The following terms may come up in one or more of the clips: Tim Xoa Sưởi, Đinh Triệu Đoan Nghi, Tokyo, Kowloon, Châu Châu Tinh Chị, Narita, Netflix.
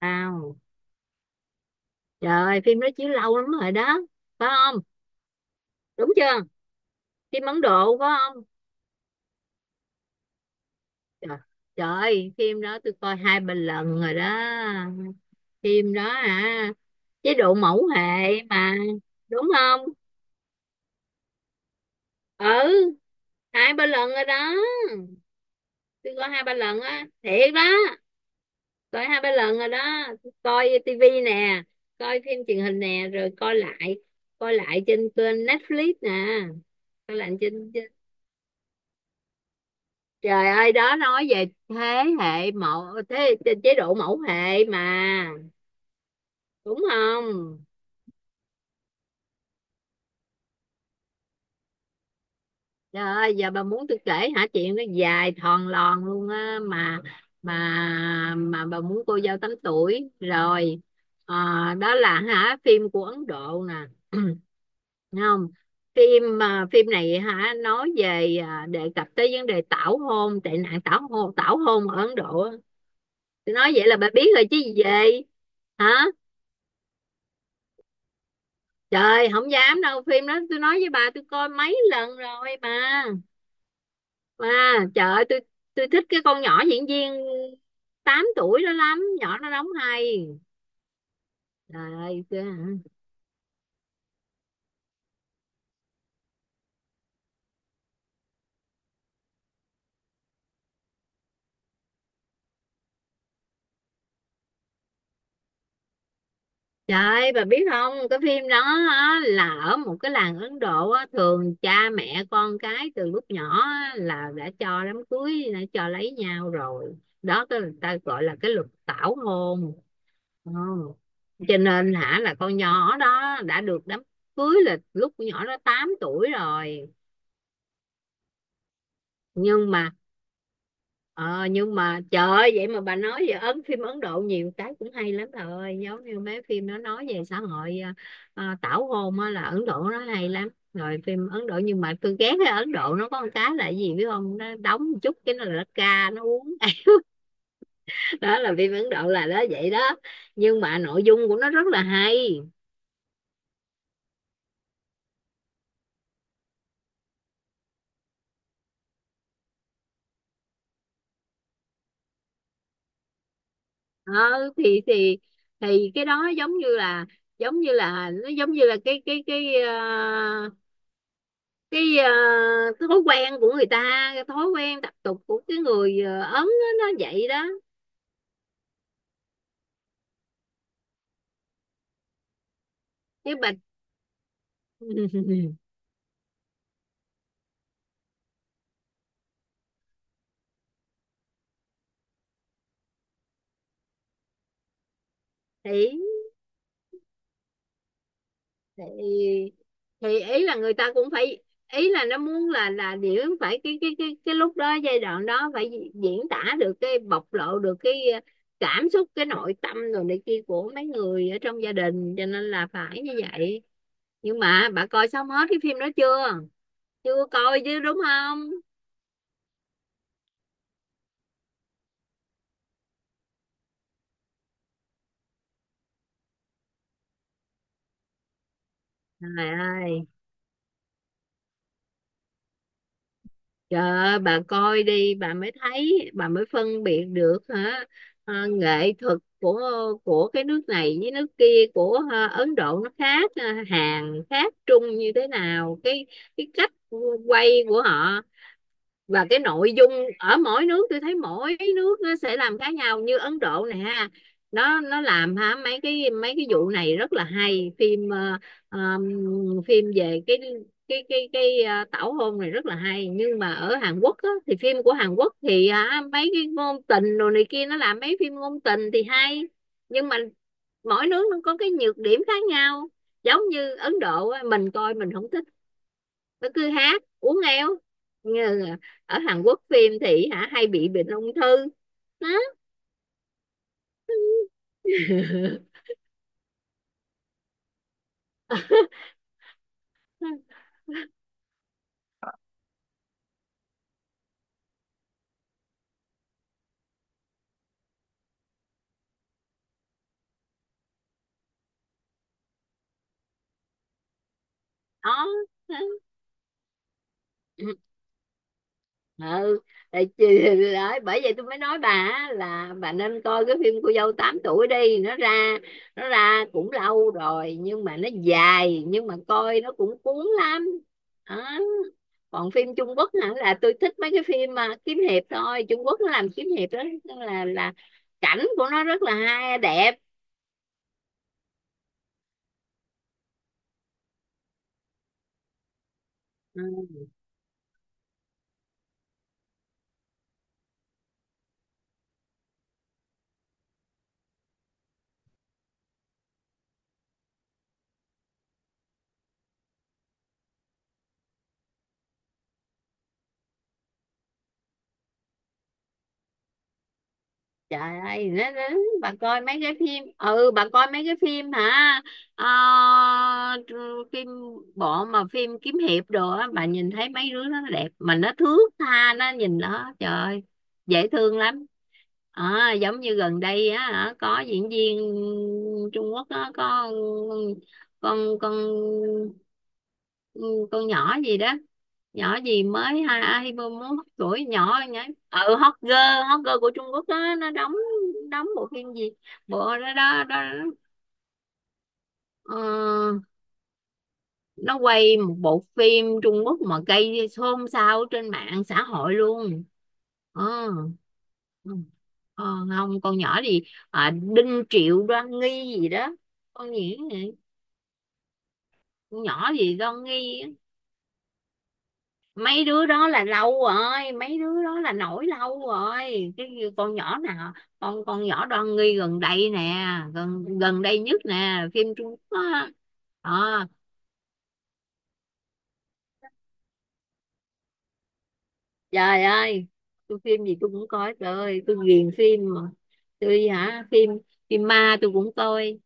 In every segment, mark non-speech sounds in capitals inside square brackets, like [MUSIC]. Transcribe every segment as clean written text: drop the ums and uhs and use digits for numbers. Tao, trời ơi, phim đó chiếu lâu lắm rồi đó, phải không? Đúng chưa? Phim Ấn Độ phải không? Trời, trời ơi, phim đó tôi coi hai ba lần rồi đó. Phim đó hả? Chế độ mẫu hệ mà, đúng không? Ừ, hai ba lần rồi đó. Tôi coi hai ba lần á, thiệt đó. Coi hai ba lần rồi đó. Tôi coi tivi nè, coi phim truyền hình nè, rồi coi lại, coi lại trên kênh Netflix nè, coi lại trên... Trời ơi, đó nói về thế hệ mẫu, thế chế chế độ mẫu hệ mà, đúng không? Trời ơi, giờ bà muốn tôi kể hả? Chuyện nó dài thòn lòn luôn á, mà bà muốn cô dâu 8 tuổi rồi. Ờ, đó là hả, phim của Ấn Độ nè. [CLEARS THROAT] Thấy không? Phim à, phim này hả, nói về à, đề cập tới vấn đề tảo hôn, tệ nạn tảo hôn, tảo hôn ở Ấn Độ á. Tôi nói vậy là bà biết rồi chứ gì vậy? Hả? Trời, không dám đâu, phim đó tôi nói với bà, tôi coi mấy lần rồi bà. Bà, trời ơi, tôi thích cái con nhỏ diễn viên 8 tuổi đó lắm, nhỏ nó đóng hay. Trời ơi, kìa. Trời ơi, bà biết không, cái phim đó á, là ở một cái làng Ấn Độ á, thường cha mẹ con cái từ lúc nhỏ á, là đã cho đám cưới, đã cho lấy nhau rồi đó, cái người ta gọi là cái luật tảo hôn. Ừ. Cho nên hả, là con nhỏ đó đã được đám cưới là lúc con nhỏ đó 8 tuổi rồi. Nhưng mà ờ, nhưng mà trời ơi, vậy mà bà, nói về ấn, phim Ấn Độ nhiều cái cũng hay lắm bà ơi, giống như mấy phim nó nói về xã hội, tảo hôn á, là Ấn Độ nó hay lắm, rồi phim Ấn Độ. Nhưng mà tôi ghét cái Ấn Độ, nó có một cái là cái gì biết không, nó đóng một chút cái nó là nó ca nó uống. [LAUGHS] Đó là phim Ấn Độ là đó, vậy đó, nhưng mà nội dung của nó rất là hay. Ờ, thì thì cái đó giống như là, giống như là, nó giống như là cái cái cái, cái thói quen của người ta, cái thói quen tập tục của cái người Ấn á, nó vậy đó. Cái bạch. [LAUGHS] thì thì thì ý là người ta cũng phải, ý là nó muốn là điểm phải cái cái lúc đó, giai đoạn đó phải diễn tả được, cái bộc lộ được cái cảm xúc, cái nội tâm rồi này kia của mấy người ở trong gia đình, cho nên là phải như vậy. Nhưng mà bà coi xong hết cái phim đó chưa? Chưa coi chứ, đúng không? Trời ơi. Trời ơi, bà coi đi, bà mới thấy, bà mới phân biệt được hả. Ờ, nghệ thuật của cái nước này với nước kia, của Ấn Độ nó khác, Hàn khác Trung như thế nào, cái cách quay của họ và cái nội dung ở mỗi nước. Tôi thấy mỗi nước nó sẽ làm khác nhau, như Ấn Độ này ha, nó làm ha, mấy cái, mấy cái vụ này rất là hay. Phim ờm, phim về cái cái tảo hôn này rất là hay. Nhưng mà ở Hàn Quốc á, thì phim của Hàn Quốc thì hả, mấy cái ngôn tình đồ này kia, nó làm mấy phim ngôn tình thì hay. Nhưng mà mỗi nước nó có cái nhược điểm khác nhau. Giống như Ấn Độ á, mình coi mình không thích, nó cứ hát uống éo, như ở Hàn Quốc phim thì hả hay bị bệnh ung thư đó. [LAUGHS] Đó, ừ. Tại chị-, bởi vậy tôi mới nói bà là bà nên coi cái phim cô dâu 8 tuổi đi, nó ra, nó ra cũng lâu rồi nhưng mà nó dài, nhưng mà coi nó cũng cuốn lắm đó. Còn phim Trung Quốc hả, là tôi thích mấy cái phim mà kiếm hiệp thôi. Trung Quốc nó làm kiếm hiệp đó, là cảnh của nó rất là hay, đẹp. Ừ. Trời ơi, bà coi mấy cái phim, ừ, bà coi mấy cái phim hả. Ờ, phim bộ mà phim kiếm hiệp đồ á, bà nhìn thấy mấy đứa nó đẹp mà nó thước tha, nó nhìn nó trời ơi, dễ thương lắm. Ờ, giống như gần đây á hả, có diễn viên Trung Quốc á, có con ừ, con nhỏ gì đó, nhỏ gì mới hai ai vô muốn hot tuổi nhỏ nhá, ừ, hot girl, hot girl của Trung Quốc đó. Nó đóng, đóng bộ phim gì, bộ đó đó, đó, ờ, nó quay một bộ phim Trung Quốc mà gây xôn xao trên mạng xã hội luôn. Ờ, ừ. Ờ, không, con nhỏ gì, à, Đinh Triệu Đoan Nghi gì đó, con gì vậy, con nhỏ gì Đoan Nghi. Mấy đứa đó là lâu rồi, mấy đứa đó là nổi lâu rồi, cái như con nhỏ nào, con nhỏ Đoan Nghi gần đây nè, gần gần đây nhất nè, phim Trung Quốc á. Ờ, trời ơi, tôi phim gì tôi cũng coi, trời ơi, tôi ghiền phim mà. Tôi hả, phim, phim ma tôi cũng coi,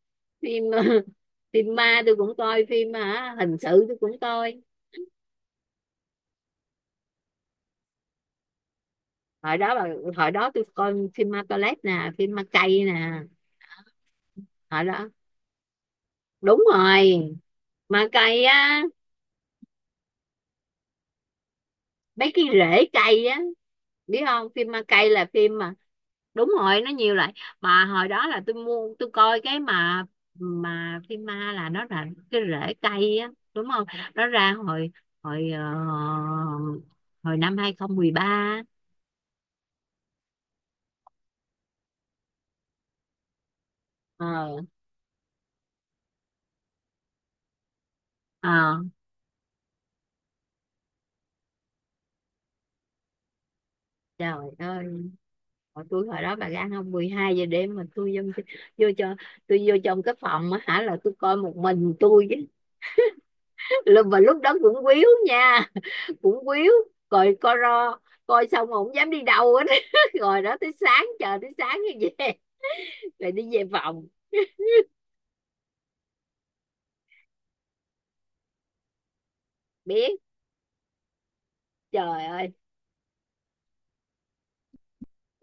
phim [LAUGHS] phim ma tôi cũng coi, phim hả hình sự tôi cũng coi. Hồi đó là, hồi đó tôi coi phim ma toilet nè, phim ma cây nè. Hồi đó, đúng rồi, ma cây á, mấy cái rễ cây á, biết không, phim ma cây là phim mà, đúng rồi, nó nhiều lại. Mà hồi đó là tôi mua tôi coi cái mà phim ma là nó là cái rễ cây á, đúng không? Nó ra hồi, hồi hồi năm 2013. Ờ, ờ. Trời ơi, hồi tôi, hồi đó bà gan không, 12 giờ đêm mà tôi vô, vô cho, tôi vô trong cái phòng á hả, là tôi coi một mình tôi chứ. Là mà lúc đó cũng quýu nha, cũng quýu, coi coi ro coi xong mà không dám đi đâu hết, [LAUGHS] rồi đó tới sáng, chờ tới sáng như vậy, rồi đi về phòng. Biết. Trời ơi,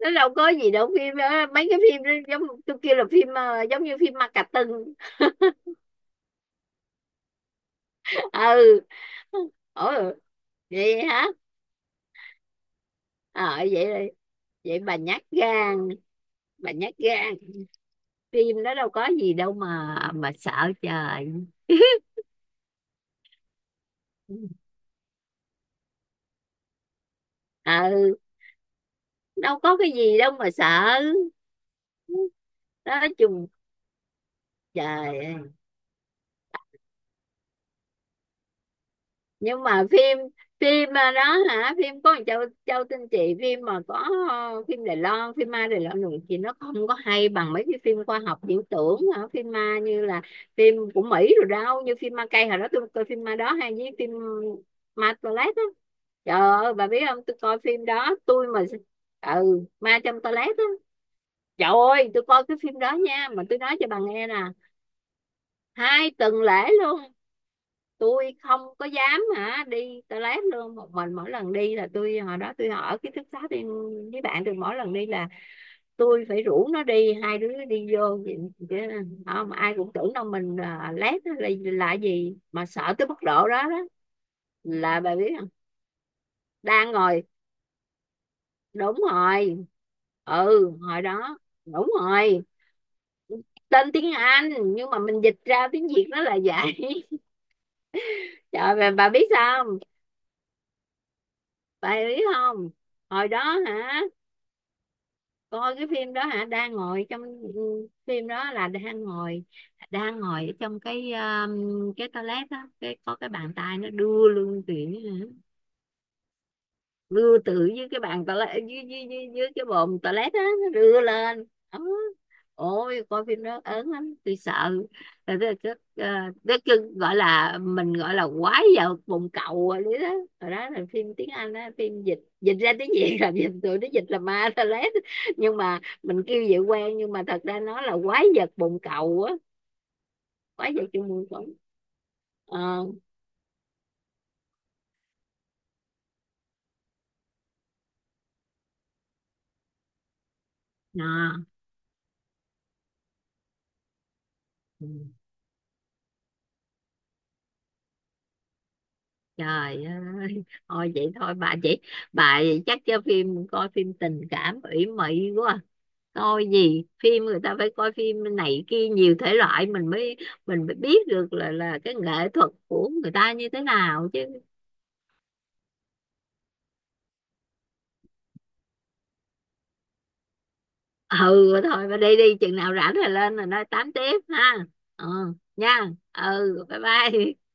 nó đâu có gì đâu phim đó. Mấy cái phim đó giống tôi kêu là phim giống như phim ma cà tưng. [LAUGHS] Ừ. Ủa, vậy hả? Ờ, vậy rồi vậy bà nhát gan, bà nhát gan, phim đó đâu có gì đâu mà sợ. Trời. Ừ, đâu có cái gì đâu mà sợ. Đó chung. Trời ơi. Nhưng mà phim, phim mà đó hả, phim có Châu, Châu Tinh Chị, phim mà có phim Đài Loan, phim ma Đài Loan rồi chị, nó không có hay bằng mấy cái phim khoa học viễn tưởng hả? Phim ma như là phim của Mỹ, rồi đâu như phim ma cây hồi đó tôi coi, phim ma đó hay, với phim ma toilet á. Trời ơi, bà biết không, tôi coi phim đó tôi mà, ừ, ma trong toilet á. Trời ơi, tôi coi cái phim đó nha, mà tôi nói cho bà nghe nè, 2 tuần lễ luôn tôi không có dám hả đi toilet luôn một mình. Mỗi lần đi là tôi, hồi đó tôi ở ký túc xá tôi với bạn tôi, mỗi lần đi là tôi phải rủ nó đi, hai đứa đi vô vậy-, chứ không ai cũng tưởng đâu mình à, lét á, là gì mà sợ tới mức độ đó đó là, bà biết không. Đang ngồi. Đúng rồi. Ừ, hồi đó. Đúng rồi, tên tiếng Anh nhưng mà mình dịch ra tiếng Việt nó là vậy. [LAUGHS] Trời bà biết sao, bà biết không, hồi đó hả, coi cái phim đó hả, đang ngồi trong, ừ, phim đó là đang ngồi, đang ngồi ở trong cái toilet đó, cái có cái bàn tay nó đưa luôn chuyện hả, rưa từ dưới cái bàn toilet, dưới cái bồn toilet á, nó rưa lên ấm. Ôi, coi phim đó ớn lắm, tôi sợ. Rồi tôi, à, tôi, kêu-, gọi là mình gọi là quái vào bồn cầu rồi đấy đó. Rồi đó là phim tiếng Anh á, phim dịch, dịch ra tiếng Việt là dịch, tụi nó dịch là ma toilet, nhưng mà mình kêu vậy quen, nhưng mà thật ra nó là quái vật bồn cầu á, quái vật trong bồn cầu. Ờ à. Trời ơi, thôi vậy thôi bà chị, bà chắc cho phim, coi phim tình cảm ủy mị quá, coi gì, phim người ta phải coi phim này kia nhiều thể loại, mình mới, mình mới biết được là cái nghệ thuật của người ta như thế nào chứ. Ừ, thôi bà đi đi, chừng nào rảnh rồi lên rồi nói tám tiếp ha. Ừ, nha, ừ, bye bye.